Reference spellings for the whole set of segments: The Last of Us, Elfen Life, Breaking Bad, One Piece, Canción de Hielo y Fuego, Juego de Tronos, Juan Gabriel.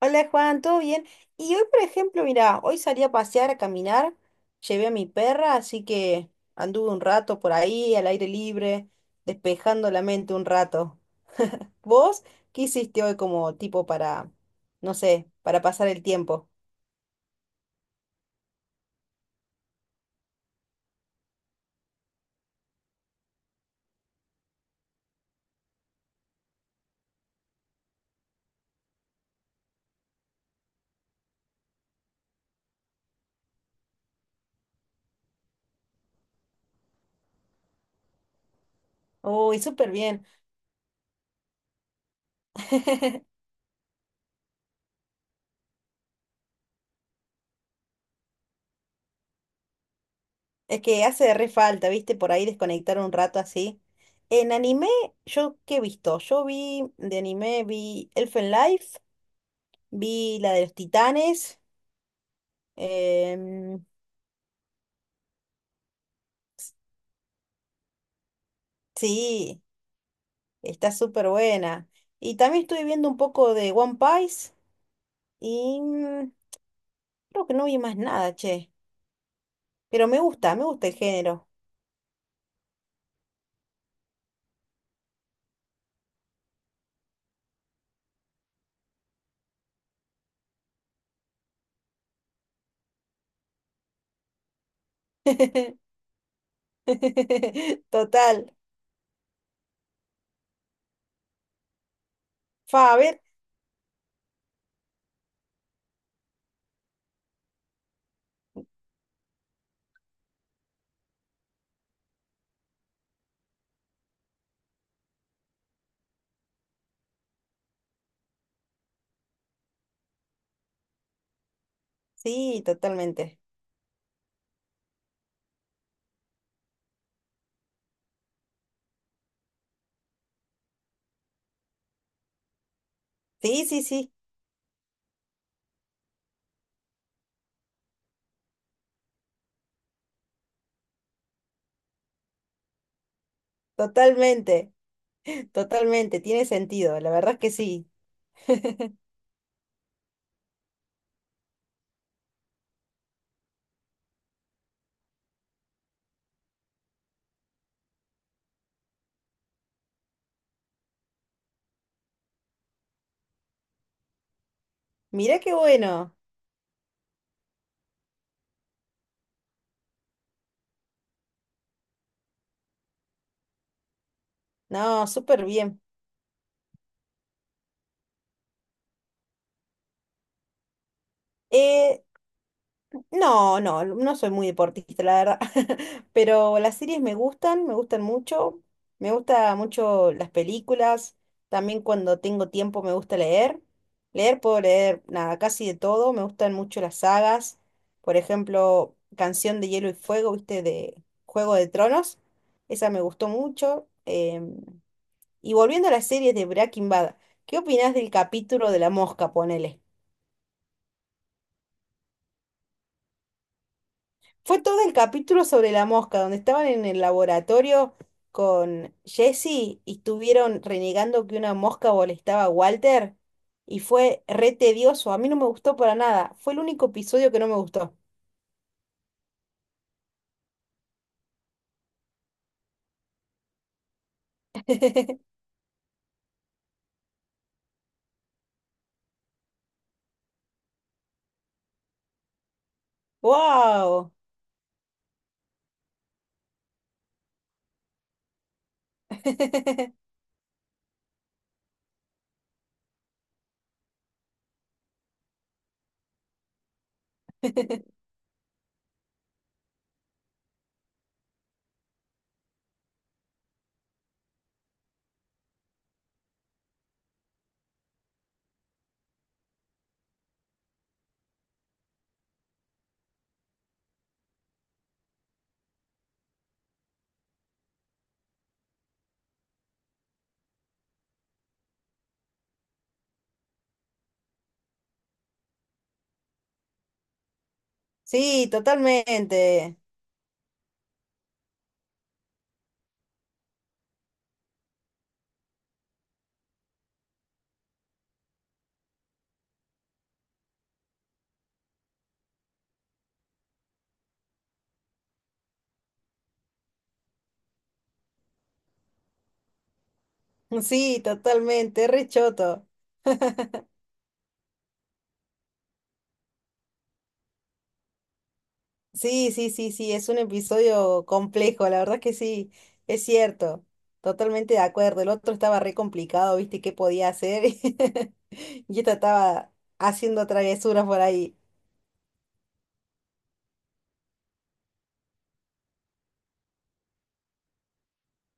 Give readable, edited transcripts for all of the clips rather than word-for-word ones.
Hola Juan, ¿todo bien? Y hoy, por ejemplo, mira, hoy salí a pasear, a caminar, llevé a mi perra, así que anduve un rato por ahí, al aire libre, despejando la mente un rato. ¿Vos qué hiciste hoy como tipo para, no sé, para pasar el tiempo? Uy, súper bien. Es que hace re falta, ¿viste? Por ahí desconectar un rato así. En anime, ¿yo qué he visto? Yo vi de anime, vi Elfen Life, vi la de los titanes. em, Sí, está súper buena. Y también estuve viendo un poco de One Piece y creo que no vi más nada, che. Pero me gusta el género. Total. Fa, a ver. Sí, totalmente. Sí, sí, sí, totalmente. Totalmente, tiene sentido, la verdad es que sí. Mirá qué bueno. No, súper bien. No, no, no soy muy deportista, la verdad. Pero las series me gustan mucho. Me gusta mucho las películas. También cuando tengo tiempo me gusta leer. Leer puedo leer nada, casi de todo. Me gustan mucho las sagas. Por ejemplo, Canción de Hielo y Fuego, ¿viste? De Juego de Tronos. Esa me gustó mucho. Y volviendo a las series de Breaking Bad, ¿qué opinás del capítulo de la mosca, ponele? Fue todo el capítulo sobre la mosca, donde estaban en el laboratorio con Jesse y estuvieron renegando que una mosca molestaba a Walter y fue re tedioso. A mí no me gustó para nada. Fue el único episodio que no me gustó. ¡Wow! Sí, totalmente. Sí, totalmente. Re choto. Sí, sí, sí, sí, es un episodio complejo, la verdad que sí, es cierto, totalmente de acuerdo. El otro estaba re complicado, viste, qué podía hacer, y esta estaba haciendo travesuras por ahí.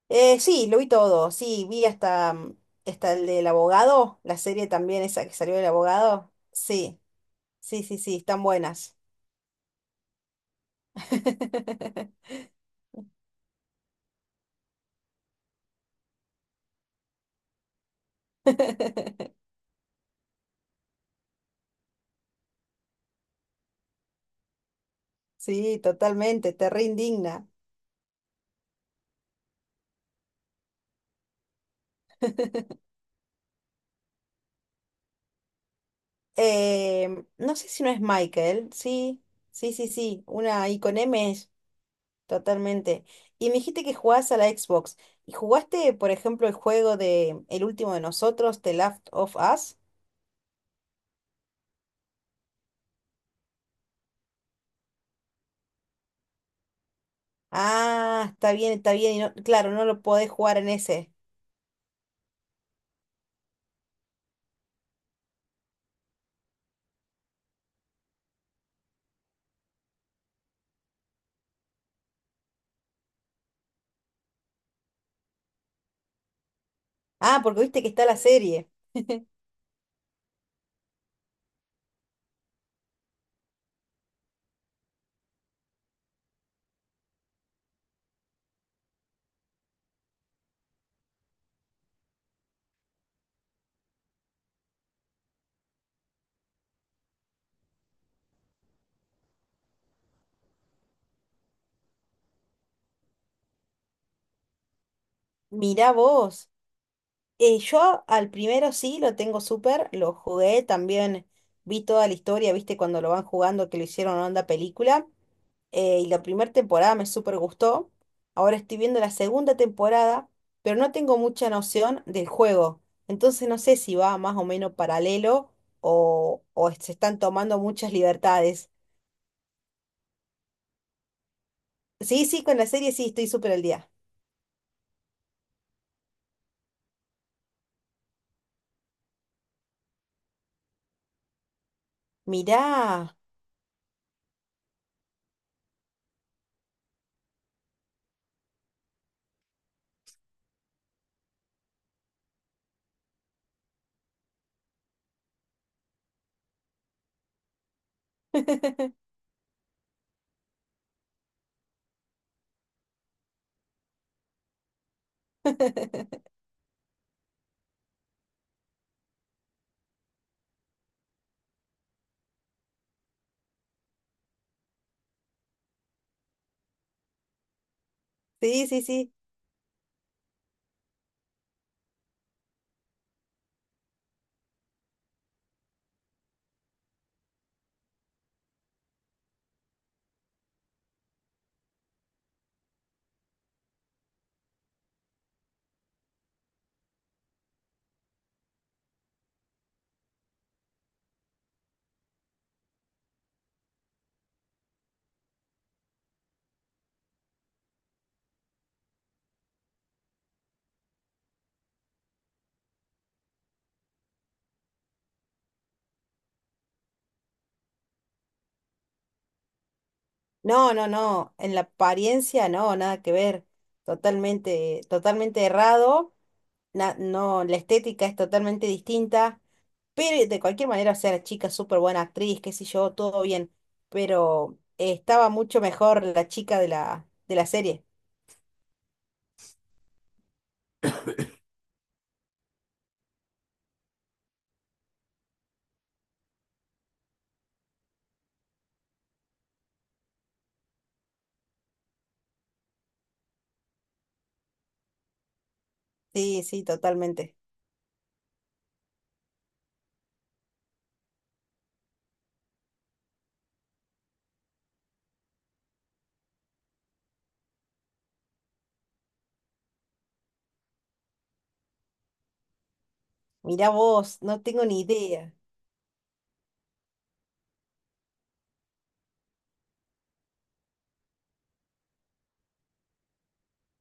Sí, lo vi todo, sí, vi hasta hasta el del abogado, la serie también esa que salió del abogado, sí, sí, sí, sí, están buenas. Sí, totalmente, te re indigna. No sé si no es Michael, sí, sí, sí, sí, una I con M es, totalmente. Y me dijiste que jugabas a la Xbox. ¿Y jugaste, por ejemplo, el juego de El último de nosotros, The Last of Us? Ah, está bien, está bien. Y claro, no lo podés jugar en ese. Ah, porque viste que está la serie. Mirá vos. Yo al primero sí lo tengo súper, lo jugué también, vi toda la historia, viste cuando lo van jugando que lo hicieron onda película. Eh, y la primera temporada me súper gustó. Ahora estoy viendo la segunda temporada, pero no tengo mucha noción del juego. Entonces no sé si va más o menos paralelo o se están tomando muchas libertades. Sí, sí, con la serie sí estoy súper al día. Mirá. Sí, sí, sí. No, no, no. En la apariencia no, nada que ver. Totalmente, totalmente errado. No, la estética es totalmente distinta, pero de cualquier manera, o sea, la chica es súper buena actriz, qué sé yo, todo bien, pero estaba mucho mejor la chica de la serie. Sí, sí, totalmente. Mirá vos, no tengo ni idea.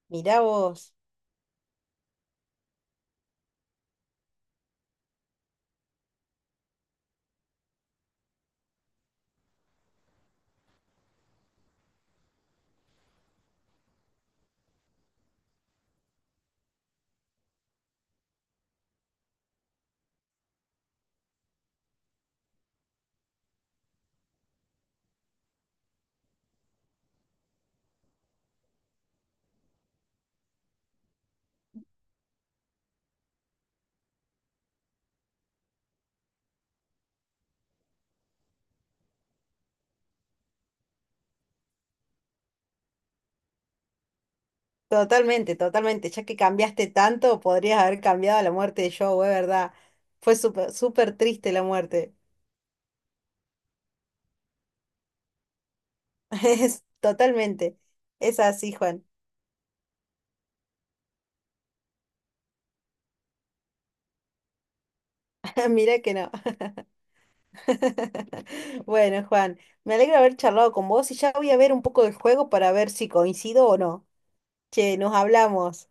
Mirá vos. Totalmente, totalmente. Ya que cambiaste tanto, podrías haber cambiado la muerte de Joe, es verdad. Fue súper, súper triste la muerte. Es totalmente. Es así, Juan. Mirá que no. Bueno, Juan, me alegra haber charlado con vos y ya voy a ver un poco del juego para ver si coincido o no. Che, nos hablamos.